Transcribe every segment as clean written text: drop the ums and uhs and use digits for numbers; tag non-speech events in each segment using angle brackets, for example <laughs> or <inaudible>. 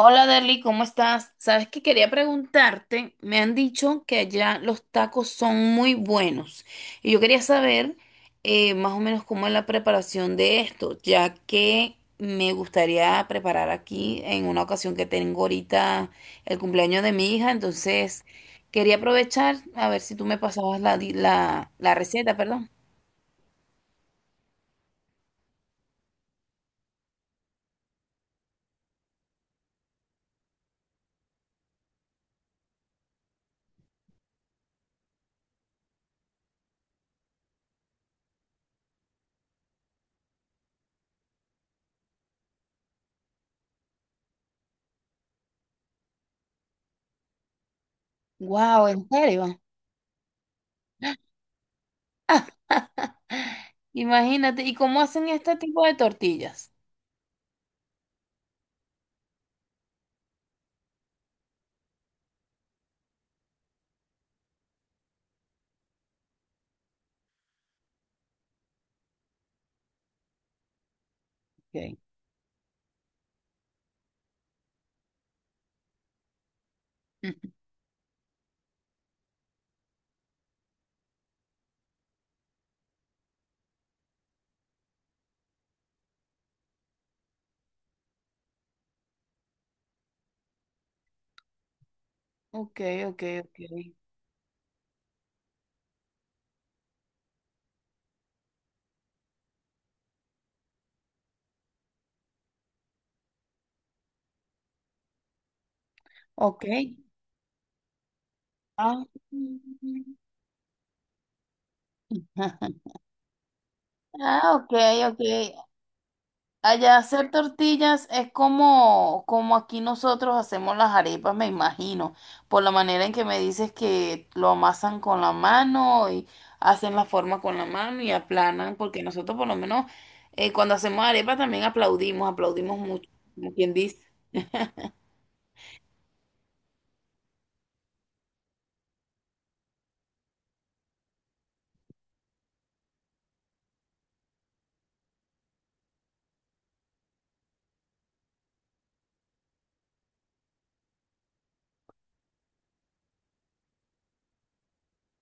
Hola Derly, ¿cómo estás? Sabes que quería preguntarte, me han dicho que allá los tacos son muy buenos y yo quería saber más o menos cómo es la preparación de esto, ya que me gustaría preparar aquí en una ocasión que tengo ahorita el cumpleaños de mi hija, entonces quería aprovechar a ver si tú me pasabas la, la, la receta, perdón. Wow, ¿en serio? <laughs> Imagínate, ¿y cómo hacen este tipo de tortillas? Ok. Ok, ok, ok. Ok. Ah, mm. <laughs> Ah, ok, ok. Allá hacer tortillas es como, como aquí nosotros hacemos las arepas, me imagino, por la manera en que me dices que lo amasan con la mano y hacen la forma con la mano y aplanan, porque nosotros por lo menos cuando hacemos arepas también aplaudimos, aplaudimos mucho, como quien dice.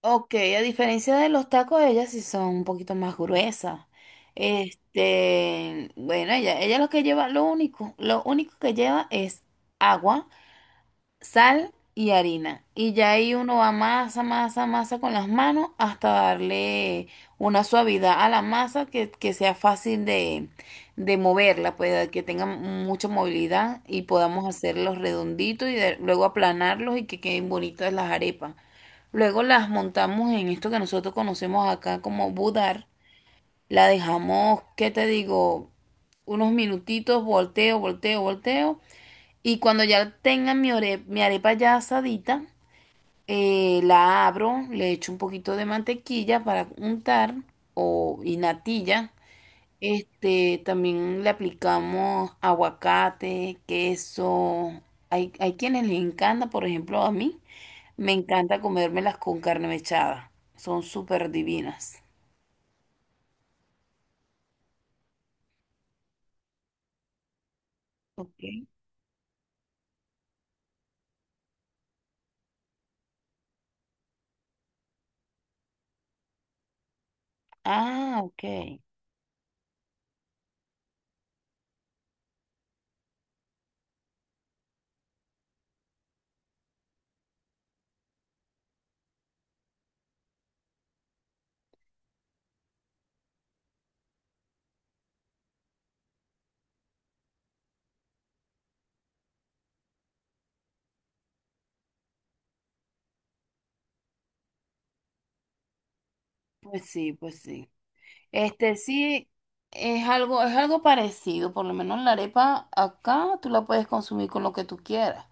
Ok, a diferencia de los tacos, ellas sí son un poquito más gruesas. Este, bueno, ella lo que lleva, lo único que lleva es agua, sal y harina. Y ya ahí uno va masa, masa, masa con las manos hasta darle una suavidad a la masa que sea fácil de moverla, pues que tenga mucha movilidad y podamos hacerlos redonditos y luego aplanarlos y que queden bonitas las arepas. Luego las montamos en esto que nosotros conocemos acá como budar. La dejamos, ¿qué te digo? Unos minutitos, volteo, volteo, volteo. Y cuando ya tengan mi arepa ya asadita, la abro, le echo un poquito de mantequilla para untar o y natilla. Este, también le aplicamos aguacate, queso. Hay quienes les encanta, por ejemplo, a mí. Me encanta comérmelas con carne mechada. Son súper divinas. Ok. Ah, ok. Pues sí, pues sí. Este sí es algo parecido. Por lo menos la arepa acá tú la puedes consumir con lo que tú quieras.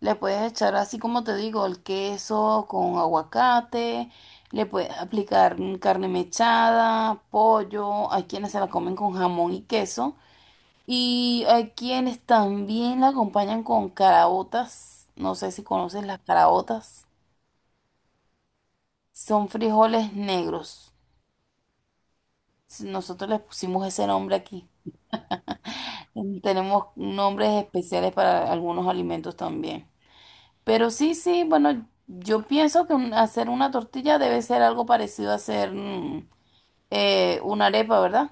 Le puedes echar así como te digo, el queso con aguacate, le puedes aplicar carne mechada, pollo. Hay quienes se la comen con jamón y queso. Y hay quienes también la acompañan con caraotas. No sé si conoces las caraotas. Son frijoles negros. Si nosotros les pusimos ese nombre aquí. Mm, tenemos nombres especiales para algunos alimentos también. Pero sí, sí, bueno, yo pienso que hacer una tortilla debe ser algo parecido a hacer una arepa, ¿verdad?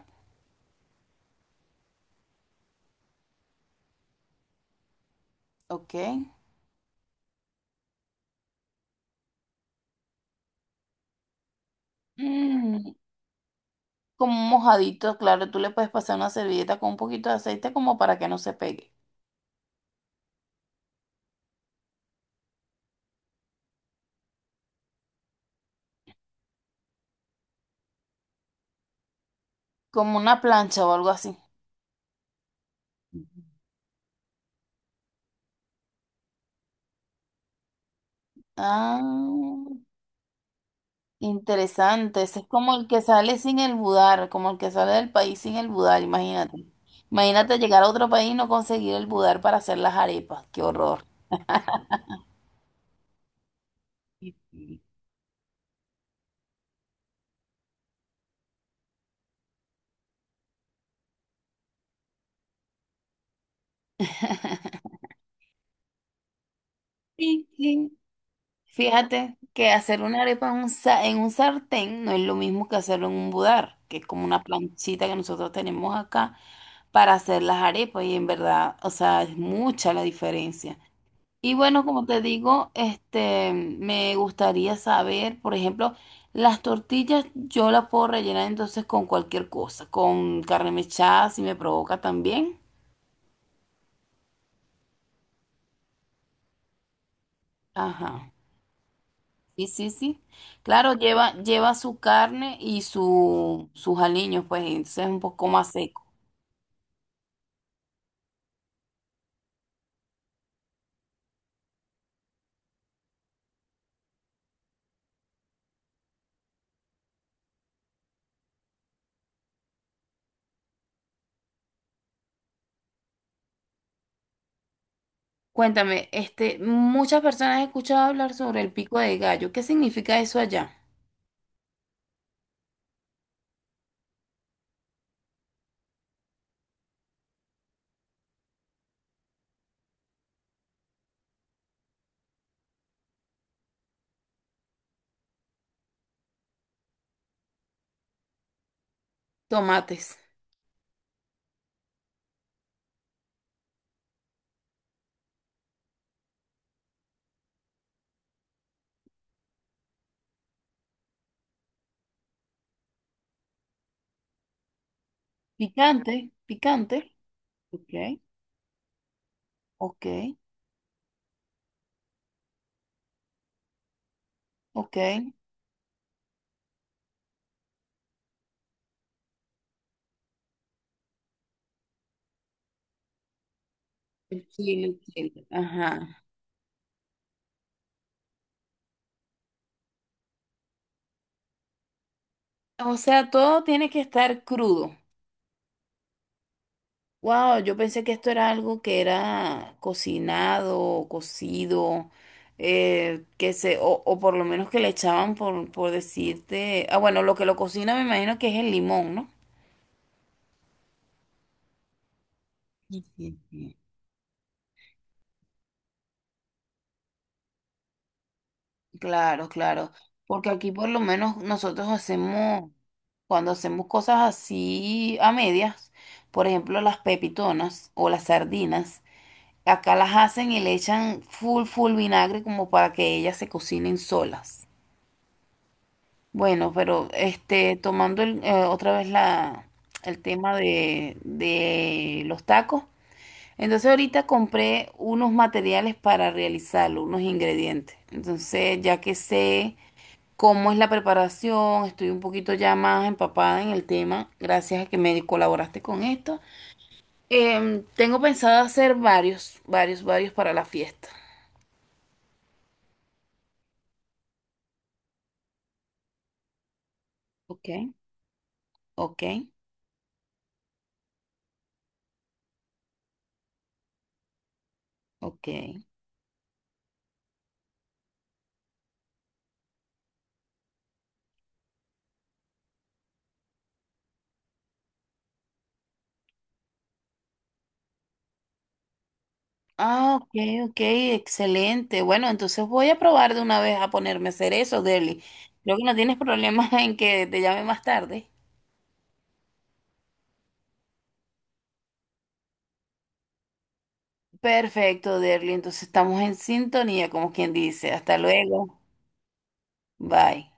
Ok. Mm, como un mojadito, claro, tú le puedes pasar una servilleta con un poquito de aceite como para que no se pegue. Como una plancha o algo así. Ujú. Ah, interesante. Ese es como el que sale sin el budar, como el que sale del país sin el budar, imagínate. Imagínate llegar a otro país y no conseguir el budar para hacer las arepas. Qué horror. Y- y- <laughs> Sí, sí. Fíjate que hacer una arepa en un, en un sartén no es lo mismo que hacerlo en un budar, que es como una planchita que nosotros tenemos acá para hacer las arepas y en verdad, o sea, es mucha la diferencia. Y bueno, como te digo, este, me gustaría saber, por ejemplo, las tortillas yo las puedo rellenar entonces con cualquier cosa, con carne mechada si me provoca también. Ajá. Sí, sí, sí. Claro, lleva, lleva su carne y su, sus aliños, pues entonces es un poco más seco. Cuéntame, este, muchas personas he escuchado hablar sobre el pico de gallo. ¿Qué significa eso allá? Tomates. Picante, picante. Ok, ok, ok. El chile, el chile, ajá. O sea, todo tiene que estar crudo. Wow, yo pensé que esto era algo que era cocinado o cocido, que se, o por lo menos que le echaban por decirte. Ah, bueno, lo que lo cocina me imagino que es el limón, ¿no? Sí, sí, sí. Claro, claro. Porque aquí por lo menos nosotros hacemos, cuando hacemos cosas así a medias, por ejemplo, las pepitonas o las sardinas. Acá las hacen y le echan full, full vinagre como para que ellas se cocinen solas. Bueno, pero este, tomando otra vez el tema de los tacos. Entonces ahorita compré unos materiales para realizarlo, unos ingredientes. Entonces ya que sé cómo es la preparación, estoy un poquito ya más empapada en el tema, gracias a que me colaboraste con esto. Tengo pensado hacer varios, varios, varios para la fiesta. Ok. Ok, ok. Ah, ok, ok, excelente. Bueno, entonces voy a probar de una vez a ponerme a hacer eso, Derly. Creo que no tienes problema <laughs> en que te llame más tarde. Perfecto, Derly. Entonces estamos en sintonía, como quien dice. Hasta luego. Bye.